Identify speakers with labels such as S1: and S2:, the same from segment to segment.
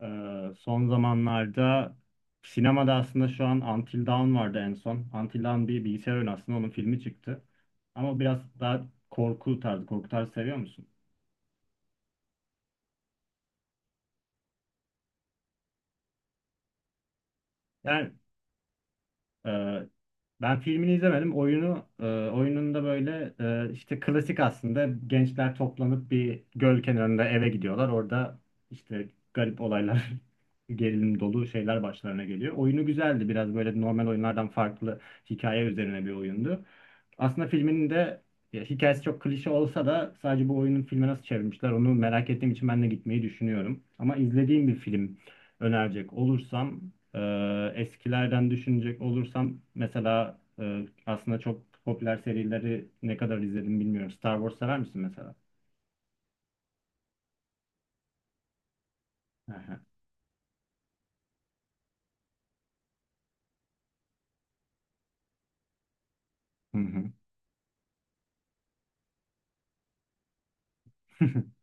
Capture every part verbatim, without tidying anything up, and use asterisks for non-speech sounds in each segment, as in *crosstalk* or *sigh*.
S1: Ee, son zamanlarda sinemada aslında şu an Until Dawn vardı en son. Until Dawn bir bilgisayar oyunu, aslında onun filmi çıktı. Ama biraz daha korku tarzı, korku tarzı seviyor musun? Yani Ee, ben filmini izlemedim. Oyunu e, oyununda böyle, e, işte klasik, aslında gençler toplanıp bir göl kenarında eve gidiyorlar. Orada işte garip olaylar, *laughs* gerilim dolu şeyler başlarına geliyor. Oyunu güzeldi. Biraz böyle normal oyunlardan farklı, hikaye üzerine bir oyundu. Aslında filminin de ya, hikayesi çok klişe olsa da sadece bu oyunun filme nasıl çevirmişler onu merak ettiğim için ben de gitmeyi düşünüyorum. Ama izlediğim bir film önerecek olursam, ee, eskilerden düşünecek olursam mesela, e, aslında çok popüler serileri ne kadar izledim bilmiyorum. Star Wars sever misin mesela? Aha. Hı hı. *laughs*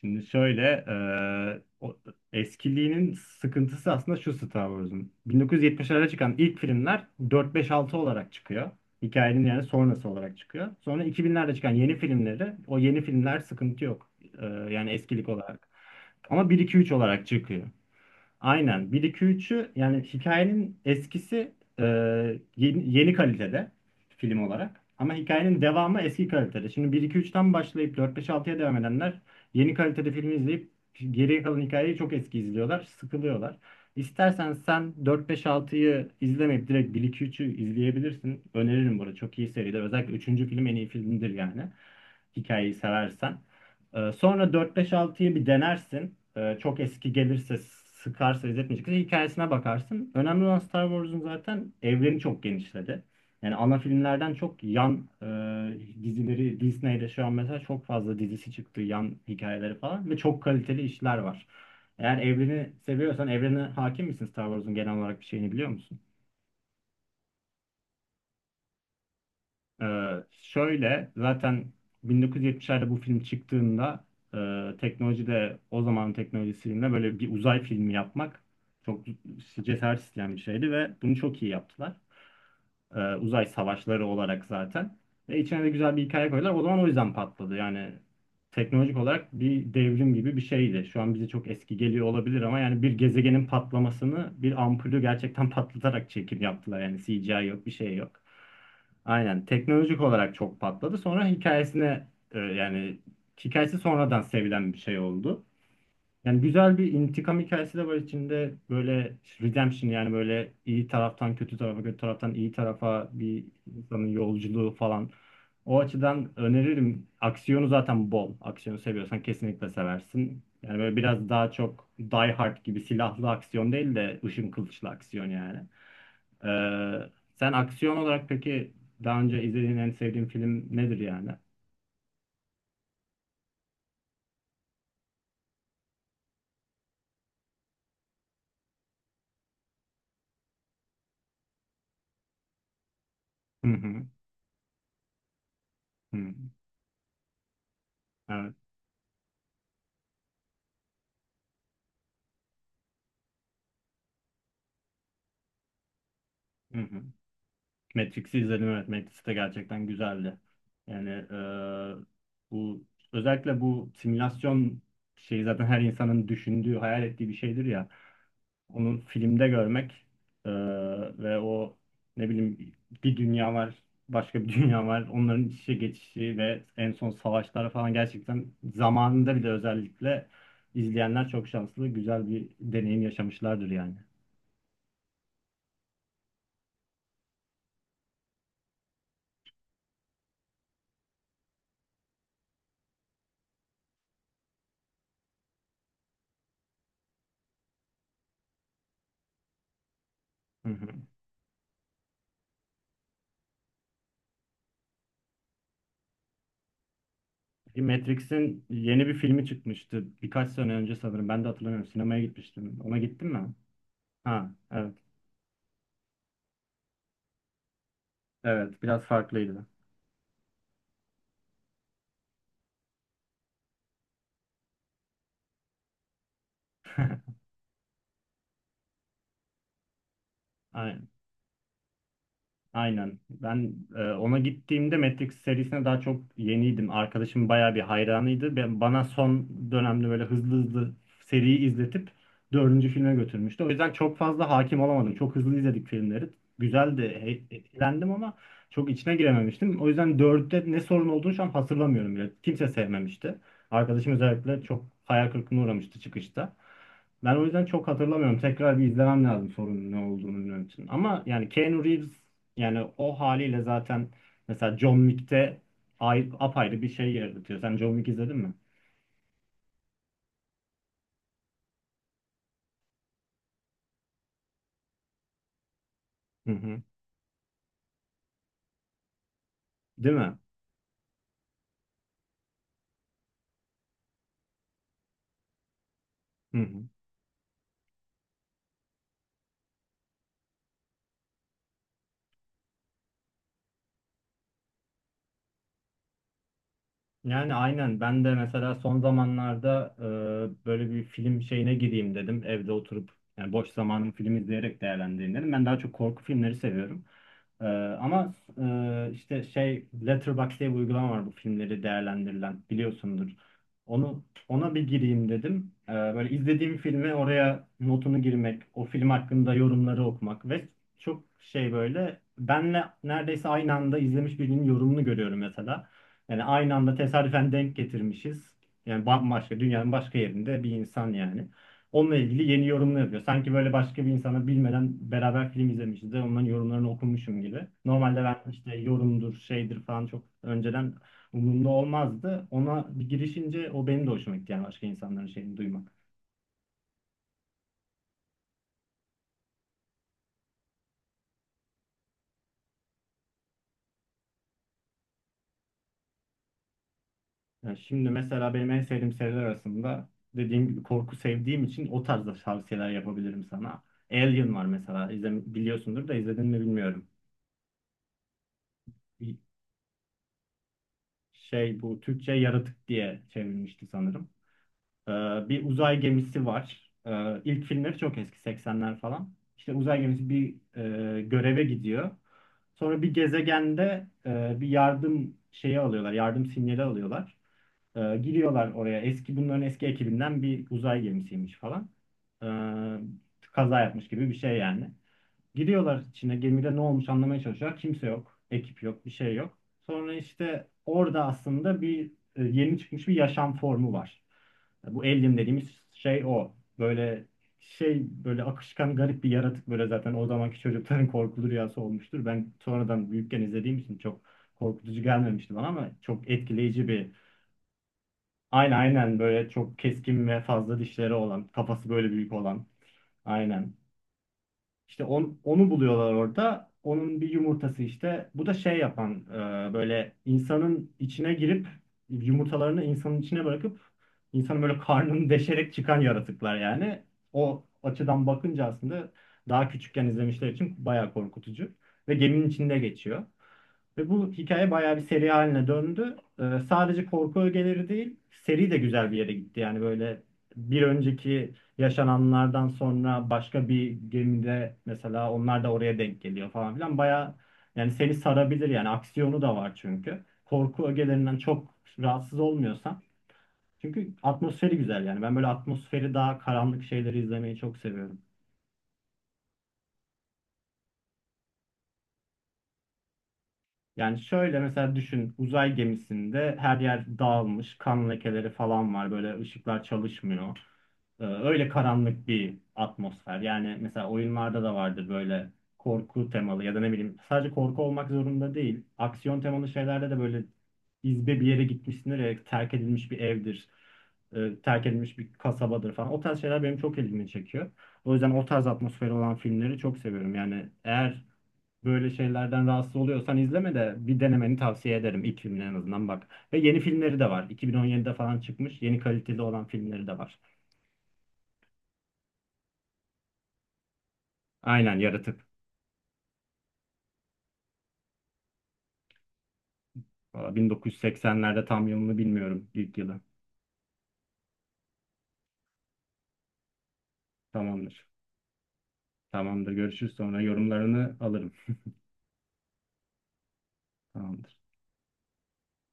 S1: Şimdi şöyle, e, o- eskiliğinin sıkıntısı aslında şu Star Wars'un. bin dokuz yüz yetmişlerde çıkan ilk filmler dört beş-altı olarak çıkıyor. Hikayenin yani sonrası olarak çıkıyor. Sonra iki binlerde çıkan yeni filmleri, o yeni filmler sıkıntı yok. E, yani eskilik olarak. Ama bir iki-üç olarak çıkıyor. Aynen. Bir iki üçü yani hikayenin eskisi, e, yeni, yeni kalitede film olarak. Ama hikayenin devamı eski kalitede. Şimdi bir iki üçten başlayıp dört beş altıya devam edenler yeni kalitede filmi izleyip geriye kalan hikayeyi çok eski izliyorlar, sıkılıyorlar. İstersen sen dört beş altıyı izlemeyip direkt bir iki üçü izleyebilirsin. Öneririm bunu. Çok iyi seridir. Özellikle üçüncü film en iyi filmdir yani. Hikayeyi seversen. Ee, sonra dört beş altıyı bir denersin. Ee, çok eski gelirse, sıkarsa, izletmeyecekse hikayesine bakarsın. Önemli olan, Star Wars'un zaten evreni çok genişledi. Yani ana filmlerden çok yan, e, dizileri Disney'de şu an mesela çok fazla dizisi çıktı, yan hikayeleri falan, ve çok kaliteli işler var. Eğer evreni seviyorsan, evrene hakim misin, Star Wars'un genel olarak bir şeyini biliyor musun? Ee, şöyle zaten bin dokuz yüz yetmişlerde bu film çıktığında, e, teknoloji de o zamanın teknolojisiyle böyle bir uzay filmi yapmak çok cesaret isteyen bir şeydi, ve bunu çok iyi yaptılar, e, uzay savaşları olarak zaten. Ve içine de güzel bir hikaye koydular. O zaman o yüzden patladı. Yani teknolojik olarak bir devrim gibi bir şeydi. Şu an bize çok eski geliyor olabilir ama yani bir gezegenin patlamasını, bir ampulü gerçekten *laughs* patlatarak çekim yaptılar. Yani C G I yok, bir şey yok. Aynen. Teknolojik olarak çok patladı. Sonra hikayesine, e, yani hikayesi sonradan sevilen bir şey oldu. Yani güzel bir intikam hikayesi de var içinde. Böyle redemption, yani böyle iyi taraftan kötü tarafa, kötü taraftan iyi tarafa bir insanın yolculuğu falan. O açıdan öneririm. Aksiyonu zaten bol. Aksiyonu seviyorsan kesinlikle seversin. Yani böyle biraz daha çok Die Hard gibi silahlı aksiyon değil de ışın kılıçlı aksiyon yani. Ee, sen aksiyon olarak peki daha önce izlediğin en sevdiğin film nedir yani? Hı hı. Hı. Evet. Hı hı. Matrix'i izledim, evet. Matrix de gerçekten güzeldi. Yani, e, bu özellikle bu simülasyon şeyi zaten her insanın düşündüğü, hayal ettiği bir şeydir ya, onu filmde görmek, e, ve o, ne bileyim, bir dünya var, başka bir *laughs* dünya var. Onların iç içe geçişi ve en son savaşlar falan gerçekten zamanında bile, özellikle izleyenler çok şanslı, güzel bir deneyim yaşamışlardır yani. Hı hı. Matrix'in yeni bir filmi çıkmıştı. Birkaç sene önce sanırım. Ben de hatırlamıyorum. Sinemaya gitmiştim. Ona gittin mi? Ha, evet. Evet, biraz farklıydı. *laughs* Aynen. Aynen. Ben, e, ona gittiğimde Matrix serisine daha çok yeniydim. Arkadaşım bayağı bir hayranıydı. Ben, bana son dönemde böyle hızlı hızlı seriyi izletip dördüncü filme götürmüştü. O yüzden çok fazla hakim olamadım. Çok hızlı izledik filmleri. Güzeldi, e- eğlendim ama çok içine girememiştim. O yüzden dörtte ne sorun olduğunu şu an hatırlamıyorum bile. Kimse sevmemişti. Arkadaşım özellikle çok hayal kırıklığına uğramıştı çıkışta. Ben o yüzden çok hatırlamıyorum. Tekrar bir izlemem lazım, sorunun ne olduğunu bilmem için. Ama yani Keanu Reeves, yani o haliyle zaten mesela John Wick'te, ay, apayrı bir şey yaratıyor. Sen John Wick izledin mi? Hı hı. Değil mi? Hı hı. Yani aynen, ben de mesela son zamanlarda, e, böyle bir film şeyine gireyim dedim. Evde oturup yani boş zamanımı film izleyerek değerlendireyim dedim. Ben daha çok korku filmleri seviyorum. Ee, ama e, işte şey, Letterboxd diye bir uygulama var, bu filmleri değerlendirilen, biliyorsundur. Onu ona bir gireyim dedim. Ee, böyle izlediğim filmi oraya notunu girmek, o film hakkında yorumları okumak, ve çok şey, böyle benle neredeyse aynı anda izlemiş birinin yorumunu görüyorum mesela. Yani aynı anda tesadüfen denk getirmişiz. Yani bambaşka dünyanın başka yerinde bir insan yani. Onunla ilgili yeni yorumlar yapıyor. Sanki böyle başka bir insana bilmeden beraber film izlemişiz de onların yorumlarını okumuşum gibi. Normalde ben işte yorumdur, şeydir falan çok önceden umurumda olmazdı. Ona bir girişince o benim de hoşuma gitti, yani başka insanların şeyini duymak. Yani şimdi mesela benim en sevdiğim seriler arasında, dediğim gibi korku sevdiğim için o tarzda tavsiyeler yapabilirim sana. Alien var mesela. İzle, biliyorsundur da, izledin mi bilmiyorum. Şey, bu Türkçe Yaratık diye çevrilmişti sanırım. Ee, bir uzay gemisi var. Ee, ilk filmleri çok eski, seksenler falan. İşte uzay gemisi bir, e, göreve gidiyor. Sonra bir gezegende, e, bir yardım şeyi alıyorlar, yardım sinyali alıyorlar. Ee, giriyorlar oraya. Eski bunların eski ekibinden bir uzay gemisiymiş falan. Ee, kaza yapmış gibi bir şey yani. Giriyorlar içine, gemide ne olmuş anlamaya çalışıyorlar. Kimse yok. Ekip yok. Bir şey yok. Sonra işte orada aslında bir, e, yeni çıkmış bir yaşam formu var. Bu alien dediğimiz şey o. Böyle şey, böyle akışkan garip bir yaratık, böyle zaten o zamanki çocukların *laughs* korkulu rüyası olmuştur. Ben sonradan büyükken izlediğim için çok korkutucu gelmemişti bana, ama çok etkileyici bir. Aynen, aynen, böyle çok keskin ve fazla dişleri olan, kafası böyle büyük olan. Aynen, işte on- onu buluyorlar orada. Onun bir yumurtası işte. Bu da şey yapan, e, böyle insanın içine girip yumurtalarını insanın içine bırakıp insanın böyle karnını deşerek çıkan yaratıklar yani. O açıdan bakınca aslında daha küçükken izlemişler için bayağı korkutucu. Ve geminin içinde geçiyor. Ve bu hikaye bayağı bir seri haline döndü. E, sadece korku ögeleri değil, seri de güzel bir yere gitti. Yani böyle bir önceki yaşananlardan sonra başka bir gemide mesela onlar da oraya denk geliyor falan filan. Baya, yani seni sarabilir yani, aksiyonu da var çünkü. Korku ögelerinden çok rahatsız olmuyorsan. Çünkü atmosferi güzel yani. Ben böyle atmosferi daha karanlık şeyleri izlemeyi çok seviyorum. Yani şöyle mesela düşün, uzay gemisinde her yer dağılmış, kan lekeleri falan var, böyle ışıklar çalışmıyor. Ee, öyle karanlık bir atmosfer. Yani mesela oyunlarda da vardır böyle, korku temalı ya da ne bileyim, sadece korku olmak zorunda değil. Aksiyon temalı şeylerde de böyle izbe bir yere gitmişsindir ya, terk edilmiş bir evdir, e, terk edilmiş bir kasabadır falan. O tarz şeyler benim çok ilgimi çekiyor. O yüzden o tarz atmosferi olan filmleri çok seviyorum. Yani eğer böyle şeylerden rahatsız oluyorsan, izleme de, bir denemeni tavsiye ederim. İlk filmine en azından bak. Ve yeni filmleri de var. iki bin on yedide falan çıkmış. Yeni kaliteli olan filmleri de var. Aynen, Yaratık. Valla bin dokuz yüz seksenlerde, tam yılını bilmiyorum ilk yılı. Tamamdır. Tamamdır. Görüşürüz, sonra yorumlarını alırım. Tamamdır.